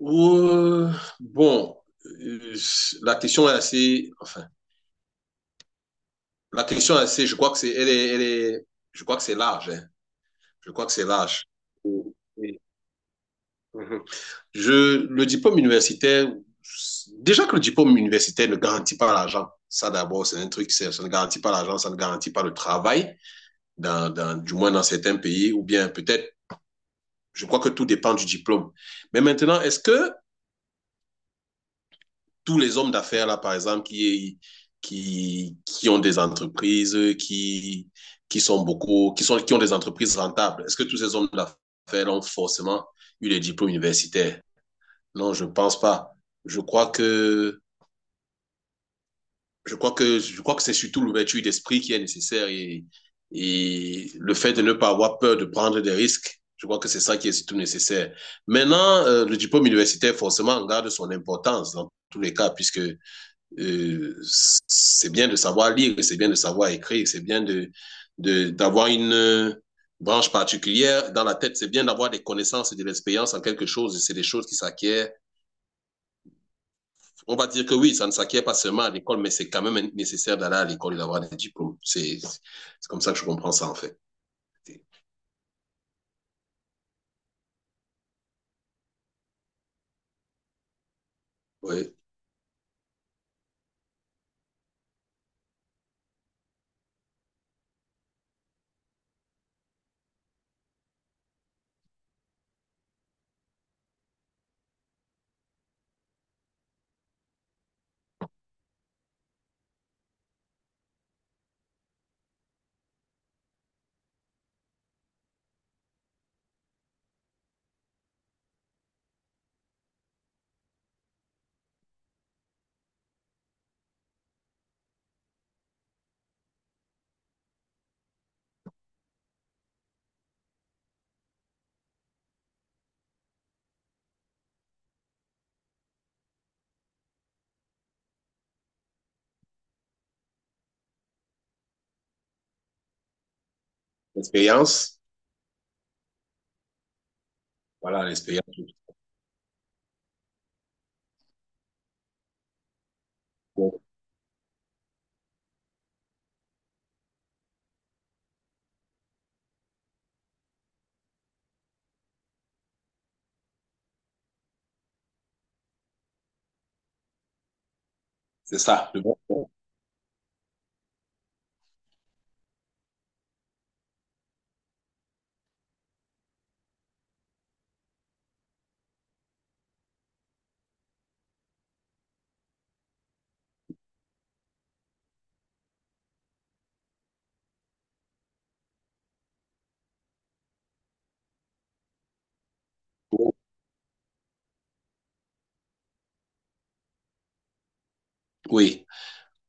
Ouh, bon, euh, la question est assez, je crois que c'est, je crois que c'est large, hein. Je crois que c'est large. Et- Mhm. Le diplôme universitaire, déjà que le diplôme universitaire ne garantit pas l'argent, ça d'abord, c'est un truc, c'est- ça ne garantit pas l'argent, ça ne garantit pas le travail, du moins dans certains pays, ou bien peut-être, je crois que tout dépend du diplôme. Mais maintenant, est-ce que tous les hommes d'affaires, là, par exemple, qui ont des entreprises, qui sont beaucoup, qui, sont, qui ont des entreprises rentables, est-ce que tous ces hommes d'affaires ont forcément eu les diplômes universitaires? Non, je ne pense pas. Je crois que, je crois que c'est surtout l'ouverture d'esprit qui est nécessaire et le fait de ne pas avoir peur de prendre des risques, je crois que c'est ça qui est surtout nécessaire. Maintenant, le diplôme universitaire, forcément, garde son importance dans tous les cas, puisque c'est bien de savoir lire, c'est bien de savoir écrire, c'est bien de, d'avoir une branche particulière dans la tête, c'est bien d'avoir des connaissances et de l'expérience en quelque chose, et c'est des choses qui s'acquièrent. On va dire que oui, ça ne s'acquiert pas seulement à l'école, mais c'est quand même nécessaire d'aller à l'école et d'avoir des diplômes. C'est comme ça que je comprends ça, en fait. Oui. L'expérience, voilà, l'expérience. C'est ça. Oui.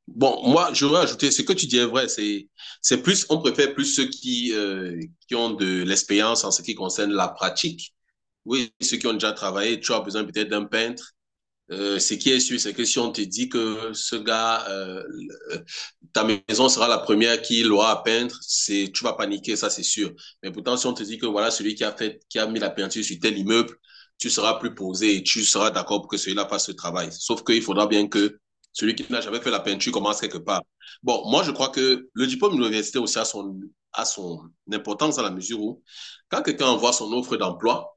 Bon, moi, je veux ajouter, ce que tu dis est vrai, c'est plus, on préfère plus ceux qui ont de l'expérience en ce qui concerne la pratique. Oui, ceux qui ont déjà travaillé, tu as besoin peut-être d'un peintre ce qui est sûr, c'est que si on te dit que ce gars, ta maison sera la première qu'il aura à peindre, c'est, tu vas paniquer, ça c'est sûr. Mais pourtant, si on te dit que voilà, celui qui a fait, qui a mis la peinture sur tel immeuble, tu seras plus posé et tu seras d'accord pour que celui-là fasse ce travail. Sauf qu'il faudra bien que celui qui n'a jamais fait la peinture commence quelque part. Bon, moi, je crois que le diplôme de l'université aussi a son importance à la mesure où, quand quelqu'un envoie son offre d'emploi,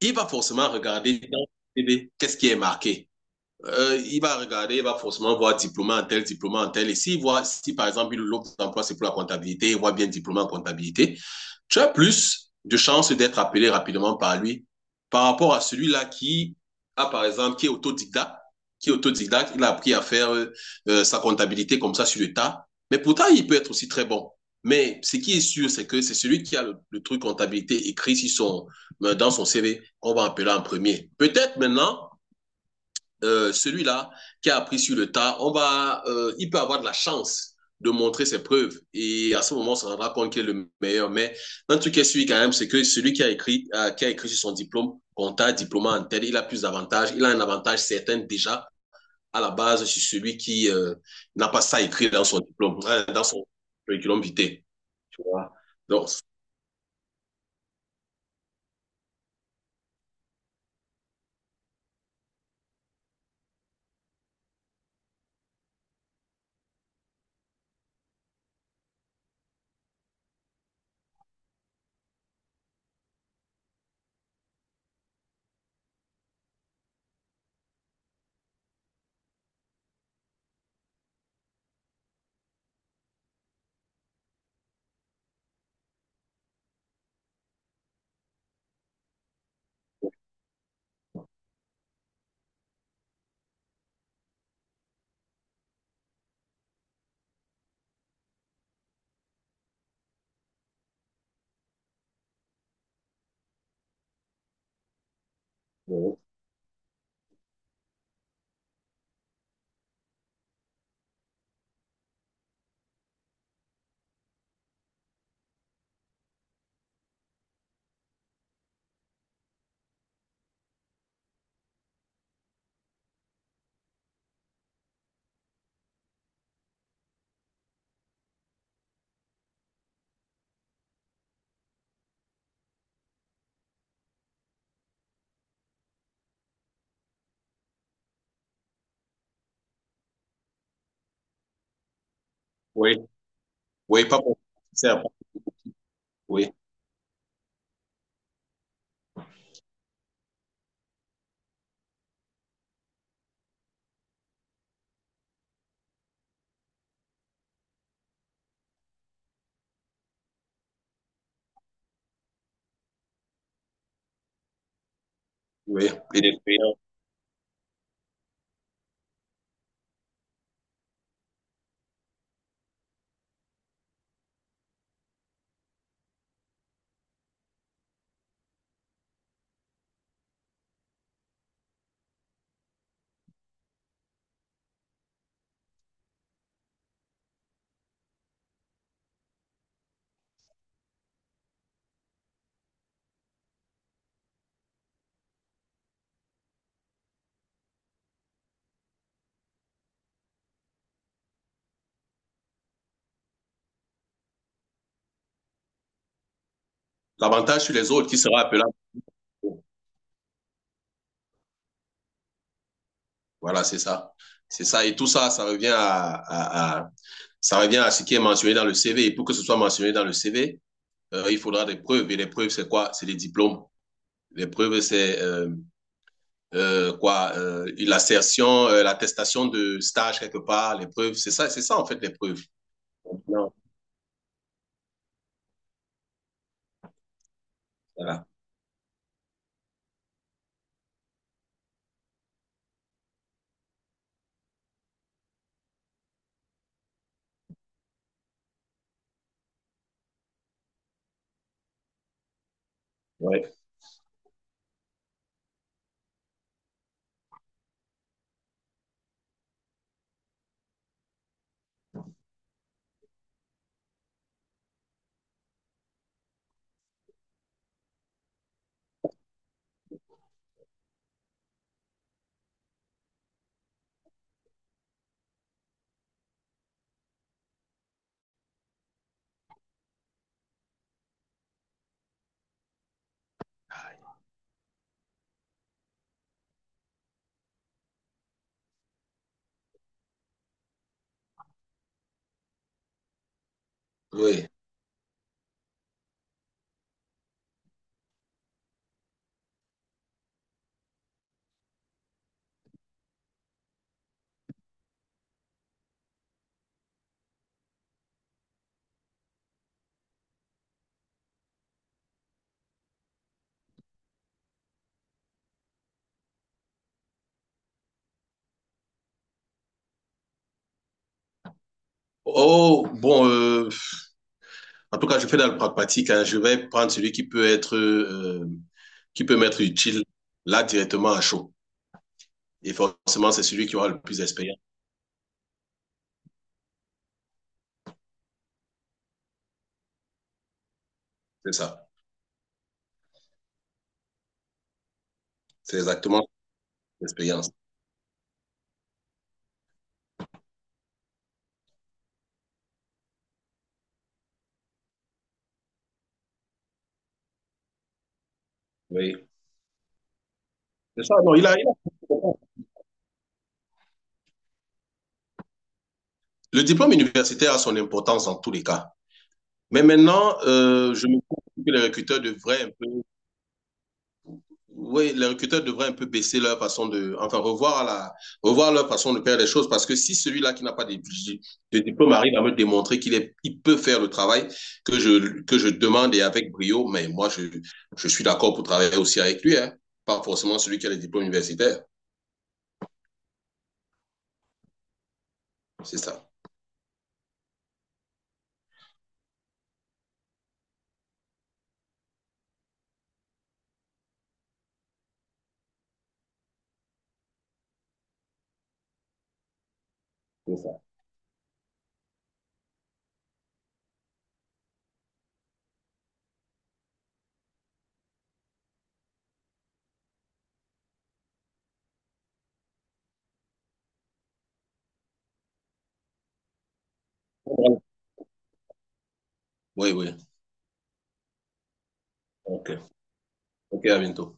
il va forcément regarder dans le CV qu'est-ce qui est marqué. Il va forcément voir diplômé en tel, diplômé en tel. Et s'il voit, si par exemple l'autre emploi c'est pour la comptabilité, il voit bien diplômé en comptabilité, tu as plus de chances d'être appelé rapidement par lui par rapport à celui-là qui a par exemple, qui est autodidacte, il a appris à faire sa comptabilité comme ça sur le tas, mais pourtant il peut être aussi très bon. Mais ce qui est sûr, c'est que c'est celui qui a le truc comptabilité écrit sur son, dans son CV qu'on va appeler en premier. Peut-être maintenant, celui-là qui a appris sur le tas, il peut avoir de la chance de montrer ses preuves. Et à ce moment, on se rendra compte qu'il est le meilleur. Mais un truc qui est sûr quand même, c'est que celui qui a écrit sur son diplôme, comptable, diplôme en tête, il a plus d'avantages. Il a un avantage certain déjà à la base sur celui qui n'a pas ça écrit dans son diplôme, dans son curriculum vitae. Tu vois? Donc, bon, oui, oui, pas pour. Oui, oui. Et des- L'avantage sur les autres qui sera appelé à- Voilà, c'est ça. C'est ça. Et tout ça, ça revient à, ça revient à ce qui est mentionné dans le CV. Et pour que ce soit mentionné dans le CV, il faudra des preuves. Et les preuves, c'est quoi? C'est les diplômes. Les preuves, c'est quoi l'assertion, l'attestation de stage quelque part. Les preuves, c'est ça en fait les preuves. Non, voilà. Ouais. Oui. Oh bon, en tout cas, je fais dans le pragmatique, hein. Je vais prendre celui qui peut être, qui peut m'être utile là directement à chaud. Et forcément, c'est celui qui aura le plus d'expérience. C'est ça. C'est exactement l'expérience. Oui. C'est ça, non, le diplôme universitaire a son importance en tous les cas. Mais maintenant, je me trouve que les recruteurs devraient un peu oui, les recruteurs devraient un peu baisser leur façon de, enfin, revoir leur façon de faire les choses parce que si celui-là qui n'a pas de, de diplôme arrive à me démontrer qu'il est, il peut faire le travail que je demande et avec brio, mais je suis d'accord pour travailler aussi avec lui, hein, pas forcément celui qui a les diplômes universitaires. C'est ça. C'est ça. Oui, oui. OK. OK, à bientôt.